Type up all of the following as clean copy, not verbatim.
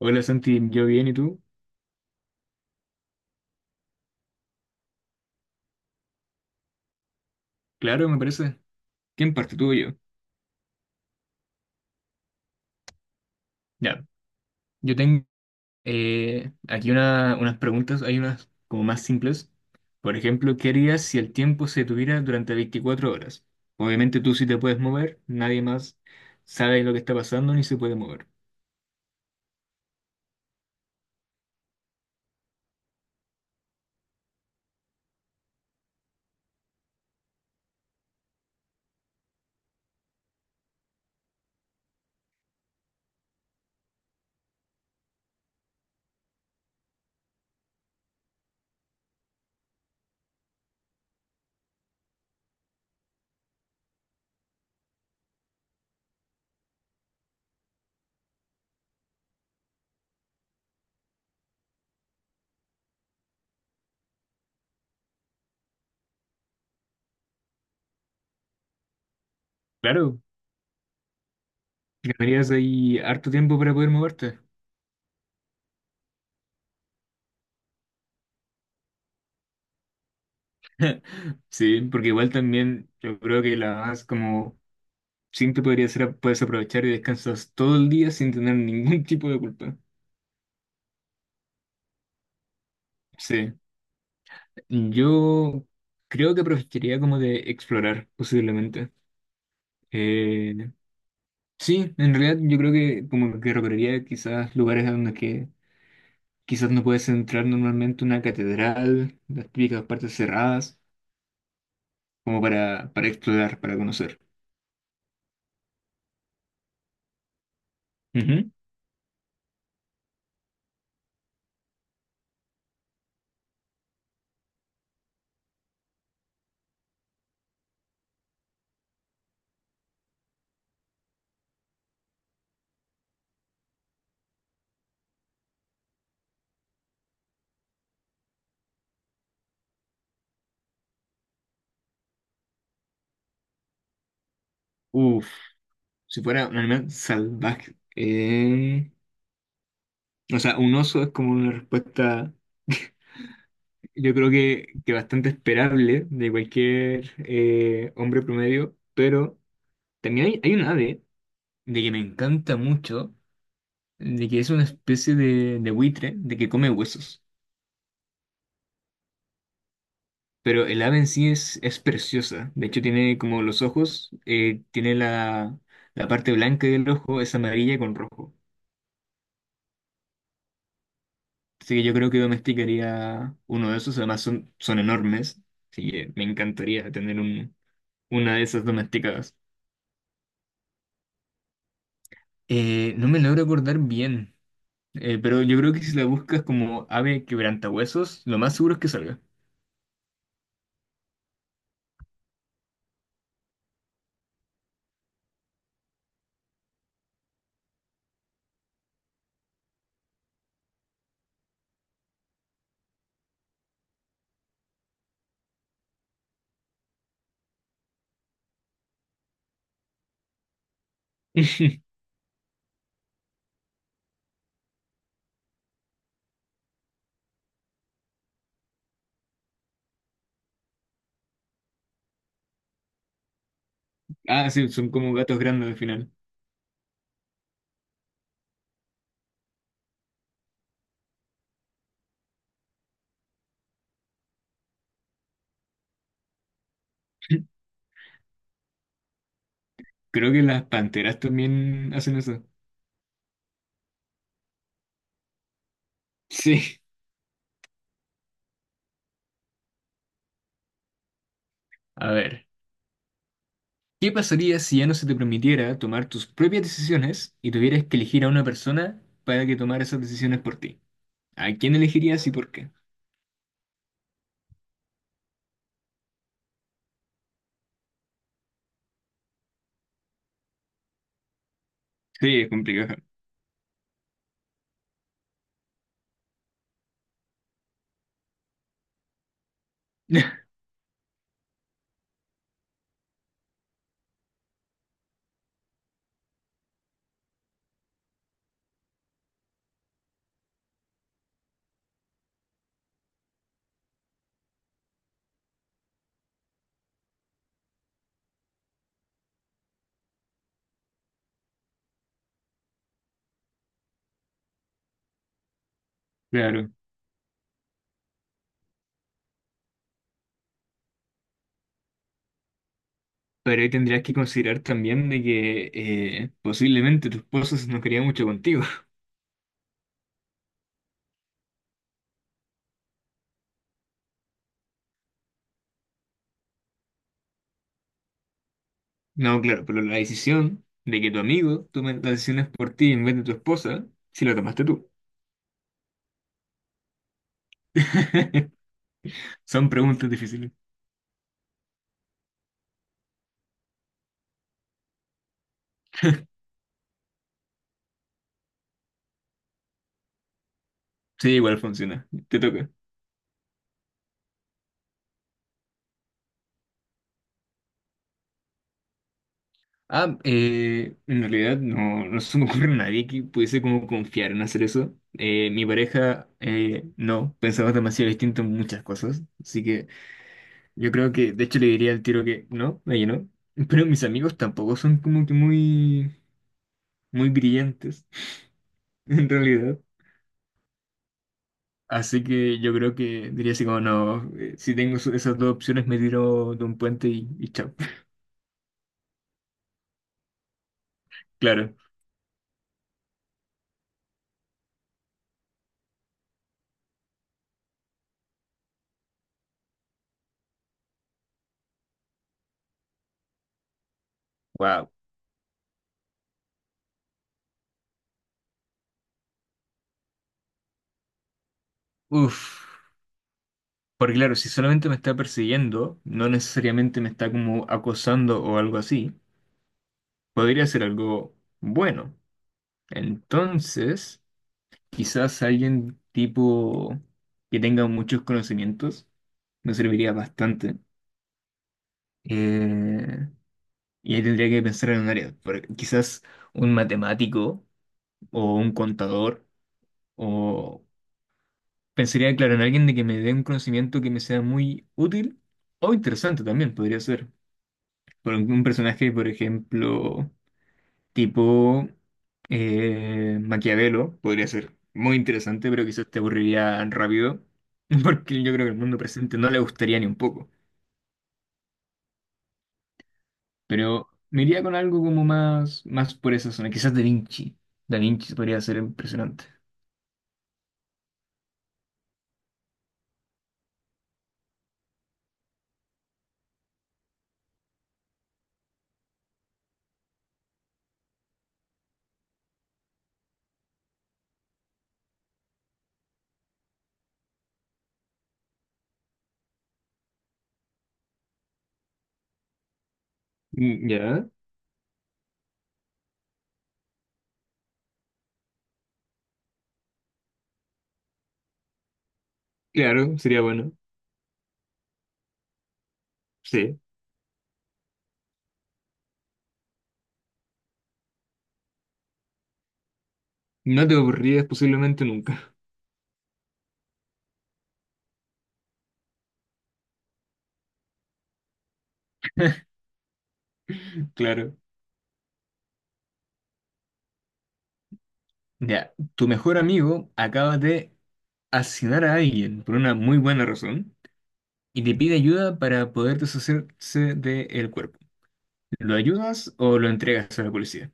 Hola Santi, yo bien, ¿y tú? Claro, me parece. ¿Quién parte, tú o yo? Ya, yo tengo aquí unas preguntas, hay unas como más simples. Por ejemplo, ¿qué harías si el tiempo se tuviera durante 24 horas? Obviamente tú sí te puedes mover, nadie más sabe lo que está pasando ni se puede mover. Claro, ganarías ahí harto tiempo para poder moverte. Sí, porque igual también yo creo que la más como simple podría ser, puedes aprovechar y descansas todo el día sin tener ningún tipo de culpa. Sí, yo creo que preferiría como de explorar, posiblemente. Eh, sí, en realidad yo creo que como que recorrería quizás lugares a donde que quizás no puedes entrar normalmente una catedral, las típicas partes cerradas, como para explorar, para conocer. Ujú. Uf, si fuera un animal salvaje. O sea, un oso es como una respuesta. Yo creo que bastante esperable de cualquier hombre promedio, pero también hay un ave de que me encanta mucho, de que es una especie de buitre, de que come huesos. Pero el ave en sí es preciosa. De hecho, tiene como los ojos, tiene la parte blanca del ojo, es amarilla con rojo. Así que yo creo que domesticaría uno de esos, además son enormes. Así que me encantaría tener una de esas domesticadas. No me logro acordar bien, pero yo creo que si la buscas como ave quebrantahuesos, lo más seguro es que salga. Ah, sí, son como gatos grandes al final. Creo que las panteras también hacen eso. Sí. A ver, ¿qué pasaría si ya no se te permitiera tomar tus propias decisiones y tuvieras que elegir a una persona para que tomara esas decisiones por ti? ¿A quién elegirías y por qué? Sí, es complicado. Claro, pero ahí tendrías que considerar también de que posiblemente tu esposo no quería mucho contigo. No, claro, pero la decisión de que tu amigo tome las decisiones por ti en vez de tu esposa, si la tomaste tú. Son preguntas difíciles. Sí, igual funciona. Te toca. Ah, en realidad no se me ocurre a nadie que pudiese como confiar en hacer eso. Mi pareja, no, pensaba demasiado distinto en muchas cosas. Así que yo creo que, de hecho, le diría al tiro que no, ella no. Pero mis amigos tampoco son como que muy brillantes, en realidad. Así que yo creo que diría así como no, si tengo esas dos opciones me tiro de un puente y chao. Claro. Wow. Uf. Porque claro, si solamente me está persiguiendo, no necesariamente me está como acosando o algo así, podría ser algo bueno. Entonces, quizás alguien tipo que tenga muchos conocimientos me serviría bastante. Eh, y ahí tendría que pensar en un área. Quizás un matemático o un contador o pensaría, claro, en alguien de que me dé un conocimiento que me sea muy útil o interesante también, podría ser. Por un personaje, por ejemplo, tipo Maquiavelo, podría ser muy interesante, pero quizás te aburriría rápido, porque yo creo que el mundo presente no le gustaría ni un poco. Pero me iría con algo como más por esa zona, quizás Da Vinci. Da Vinci podría ser impresionante. Mm, ya, claro, sería bueno. Sí. No te aburrirías posiblemente nunca. Claro. Ya, tu mejor amigo acaba de asesinar a alguien por una muy buena razón y te pide ayuda para poder deshacerse del cuerpo. ¿Lo ayudas o lo entregas a la policía?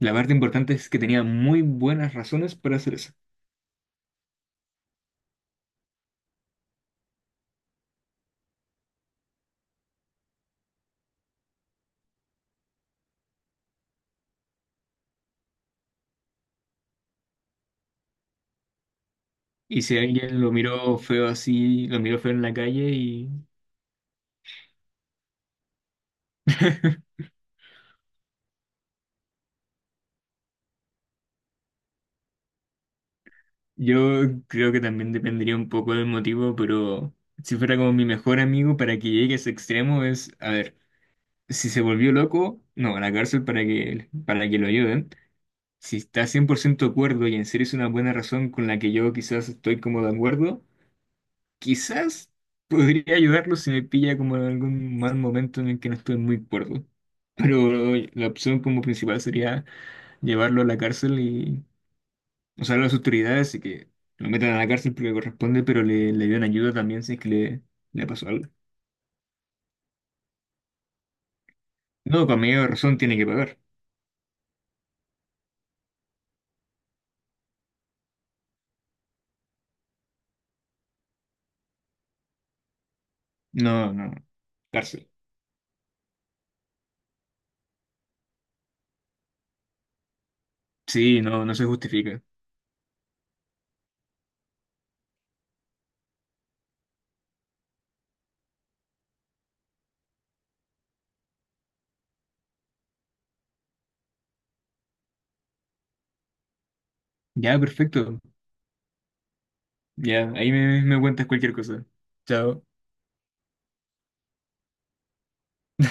La parte importante es que tenía muy buenas razones para hacer eso. Y si alguien lo miró feo así, lo miró feo en la calle y... Yo creo que también dependería un poco del motivo, pero si fuera como mi mejor amigo para que llegue a ese extremo es, a ver. Si se volvió loco, no, a la cárcel para para que lo ayuden. Si está 100% de acuerdo y en serio es una buena razón con la que yo quizás estoy como de acuerdo, quizás podría ayudarlo si me pilla como en algún mal momento en el que no estoy muy de acuerdo. Pero la opción como principal sería llevarlo a la cárcel y, o sea, a las autoridades y que lo metan a la cárcel porque corresponde, pero le den ayuda también si es que le pasó algo. No, con medio de razón tiene que pagar. No, no, cárcel. Sí, no, no se justifica. Ya, perfecto. Ya, ahí me cuentas cualquier cosa. Chao.